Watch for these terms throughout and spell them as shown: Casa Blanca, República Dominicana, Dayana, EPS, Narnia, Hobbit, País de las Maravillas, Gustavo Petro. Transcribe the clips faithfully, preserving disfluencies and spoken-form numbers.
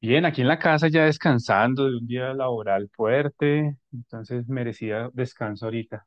Bien, aquí en la casa ya descansando de un día laboral fuerte, entonces merecía descanso ahorita.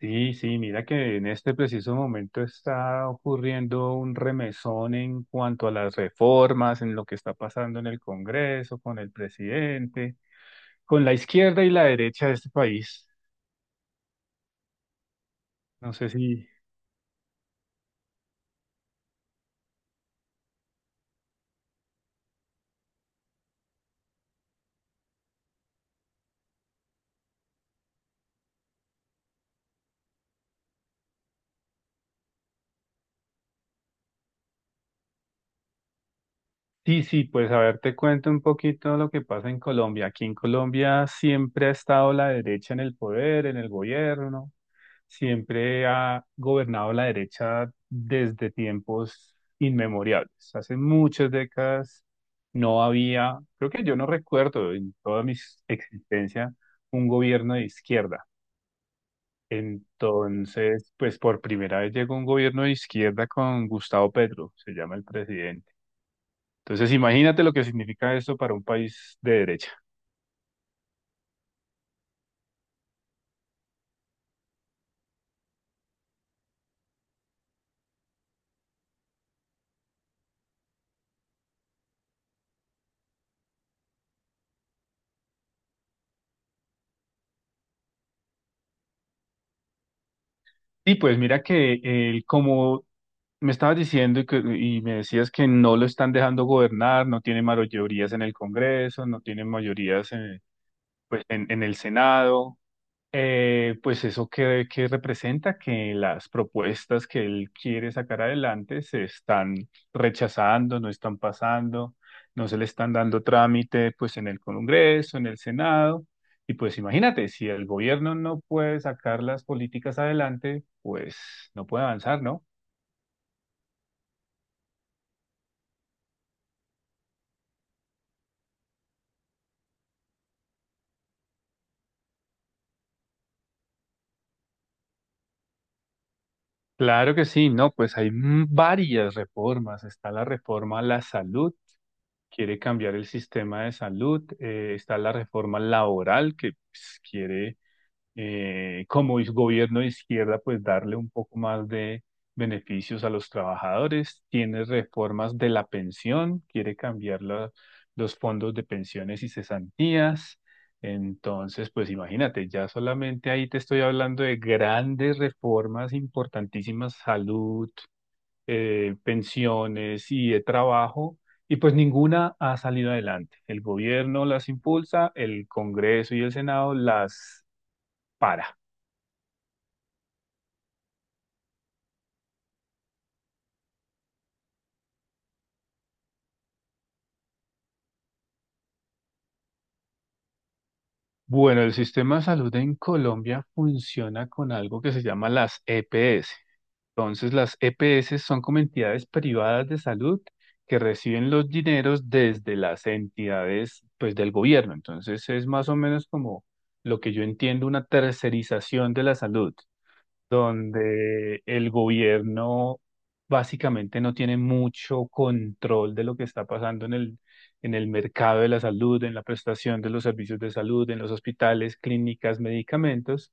Sí, sí, mira que en este preciso momento está ocurriendo un remesón en cuanto a las reformas, en lo que está pasando en el Congreso, con el presidente, con la izquierda y la derecha de este país. No sé si... Sí, sí, pues a ver, te cuento un poquito lo que pasa en Colombia. Aquí en Colombia siempre ha estado la derecha en el poder, en el gobierno. Siempre ha gobernado la derecha desde tiempos inmemoriales. Hace muchas décadas no había, creo que yo no recuerdo en toda mi existencia un gobierno de izquierda. Entonces, pues por primera vez llegó un gobierno de izquierda con Gustavo Petro, se llama el presidente. Entonces, imagínate lo que significa esto para un país de derecha. Y pues mira que el, como me estabas diciendo que, y me decías que no lo están dejando gobernar, no tiene mayorías en el Congreso, no tiene mayorías en, pues, en, en el Senado. Eh, pues eso que, que representa que las propuestas que él quiere sacar adelante se están rechazando, no están pasando, no se le están dando trámite pues en el Congreso, en el Senado. Y pues imagínate, si el gobierno no puede sacar las políticas adelante, pues no puede avanzar, ¿no? Claro que sí, no, pues hay m- varias reformas. Está la reforma a la salud, quiere cambiar el sistema de salud. Eh, está la reforma laboral, que pues, quiere eh, como es gobierno de izquierda, pues darle un poco más de beneficios a los trabajadores. Tiene reformas de la pensión, quiere cambiar la- los fondos de pensiones y cesantías. Entonces, pues imagínate, ya solamente ahí te estoy hablando de grandes reformas importantísimas, salud, eh, pensiones y de trabajo. Y pues ninguna ha salido adelante. El gobierno las impulsa, el Congreso y el Senado las para. Bueno, el sistema de salud en Colombia funciona con algo que se llama las E P S. Entonces, las E P S son como entidades privadas de salud que reciben los dineros desde las entidades, pues, del gobierno. Entonces, es más o menos como lo que yo entiendo, una tercerización de la salud donde el gobierno básicamente no tiene mucho control de lo que está pasando en el, en el mercado de la salud, en la prestación de los servicios de salud, en los hospitales, clínicas, medicamentos,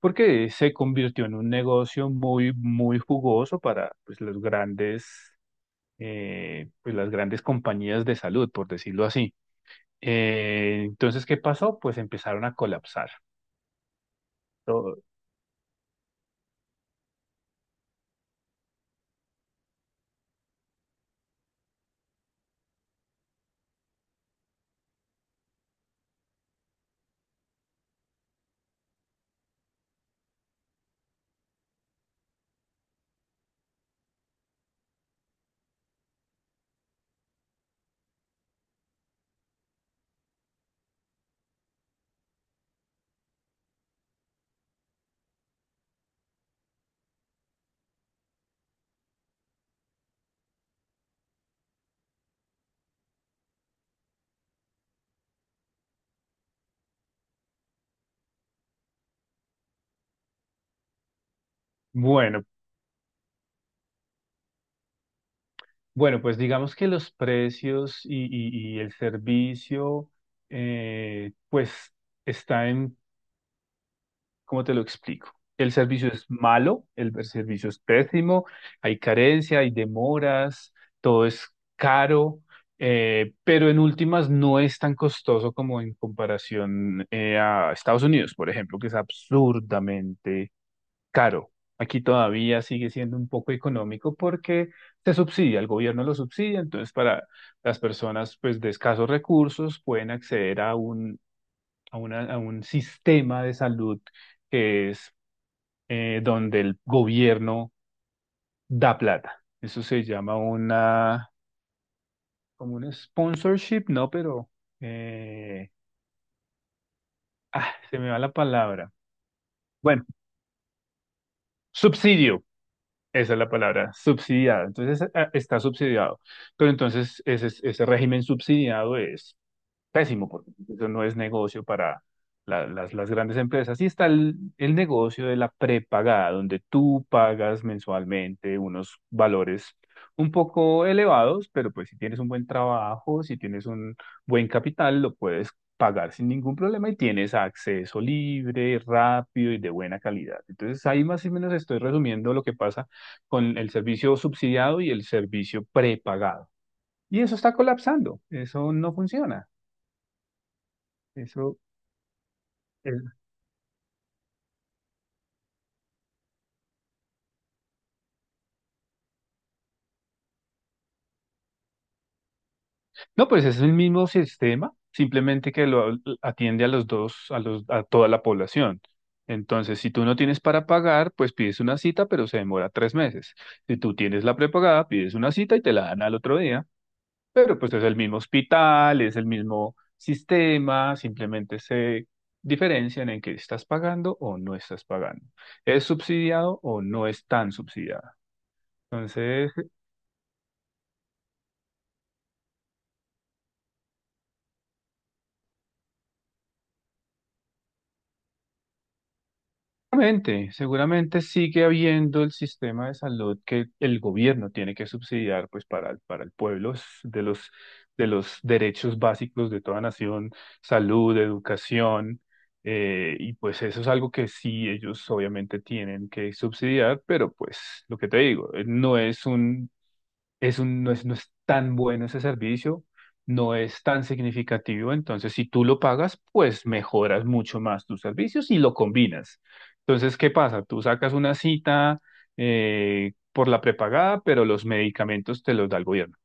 porque se convirtió en un negocio muy, muy jugoso para pues, los grandes, eh, pues, las grandes compañías de salud, por decirlo así. Eh, entonces, ¿qué pasó? Pues empezaron a colapsar. Todo. Bueno, Bueno, pues digamos que los precios y, y- y el servicio, eh, pues está en, ¿cómo te lo explico? El servicio es malo, el, el servicio es pésimo, hay carencia, hay demoras, todo es caro, eh, pero en últimas no es tan costoso como en comparación eh, a Estados Unidos, por ejemplo, que es absurdamente caro. Aquí todavía sigue siendo un poco económico porque se subsidia, el gobierno lo subsidia, entonces para las personas pues de escasos recursos pueden acceder a un, a una- a un sistema de salud que es eh, donde el gobierno da plata. Eso se llama una, como un sponsorship, no, pero eh, ah, se me va la palabra. Bueno, subsidio. Esa es la palabra, subsidiada. Entonces a- está subsidiado. Pero entonces ese, ese régimen subsidiado es pésimo, porque pues, eso no es negocio para la- las, las grandes empresas. Y está el, el negocio de la prepagada, donde tú pagas mensualmente unos valores un poco elevados, pero pues si tienes un buen trabajo, si tienes un buen capital, lo puedes pagar sin ningún problema y tienes acceso libre, rápido y de buena calidad. Entonces ahí más o menos estoy resumiendo lo que pasa con el servicio subsidiado y el servicio prepagado. Y eso está colapsando, eso no funciona. Eso El- No, pues es el mismo sistema, simplemente que lo atiende a los dos, a los, a toda la población. Entonces, si tú no tienes para pagar, pues pides una cita, pero se demora tres meses. Si tú tienes la prepagada, pides una cita y te la dan al otro día. Pero pues es el mismo hospital, es el mismo sistema, simplemente se diferencian en que estás pagando o no estás pagando. ¿Es subsidiado o no es tan subsidiado? Entonces, seguramente, seguramente sigue habiendo el sistema de salud que el gobierno tiene que subsidiar pues para, el- para el pueblo es de los, de los derechos básicos de toda nación, salud, educación, eh, y pues eso es algo que sí ellos obviamente tienen que subsidiar, pero pues lo que te digo, eh, no es un es un, no es, no es tan bueno ese servicio, no es tan significativo, entonces si tú lo pagas, pues mejoras mucho más tus servicios y lo combinas. Entonces, ¿qué pasa? Tú sacas una cita eh, por la prepagada, pero los medicamentos te los da el gobierno.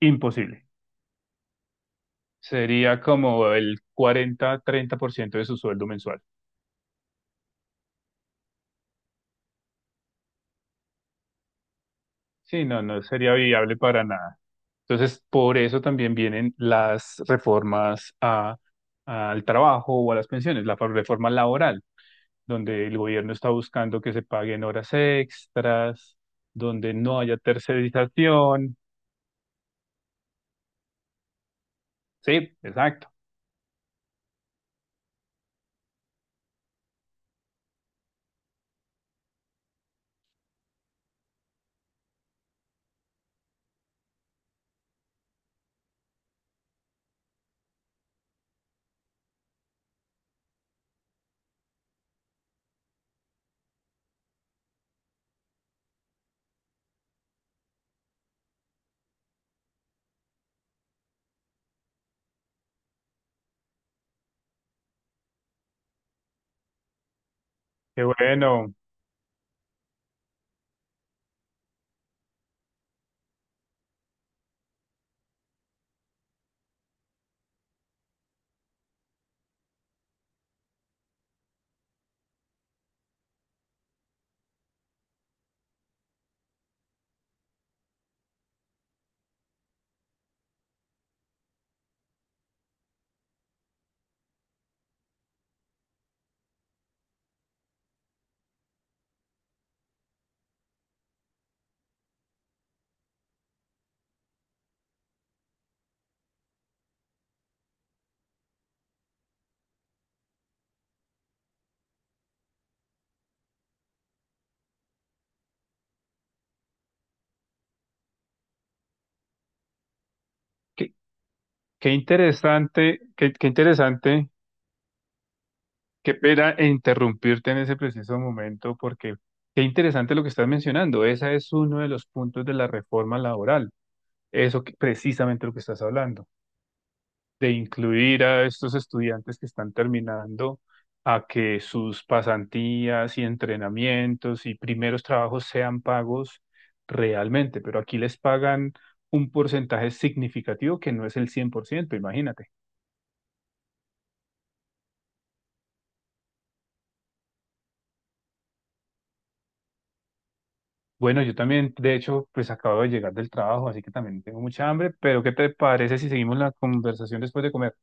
Imposible. Sería como el cuarenta treinta por ciento de su sueldo mensual. Sí, no, no sería viable para nada. Entonces, por eso también vienen las reformas a- al trabajo o a las pensiones, la reforma laboral, donde el gobierno está buscando que se paguen horas extras, donde no haya tercerización. Sí, exacto. Qué bueno. Qué, qué interesante, qué, qué interesante. Qué pena interrumpirte en ese preciso momento, porque qué interesante lo que estás mencionando. Ese es uno de los puntos de la reforma laboral. Eso que, precisamente lo que estás hablando. De incluir a estos estudiantes que están terminando a que sus pasantías y entrenamientos y primeros trabajos sean pagos realmente, pero aquí les pagan un porcentaje significativo que no es el cien por ciento, imagínate. Bueno, yo también, de hecho, pues acabo de llegar del trabajo, así que también tengo mucha hambre, pero ¿qué te parece si seguimos la conversación después de comer?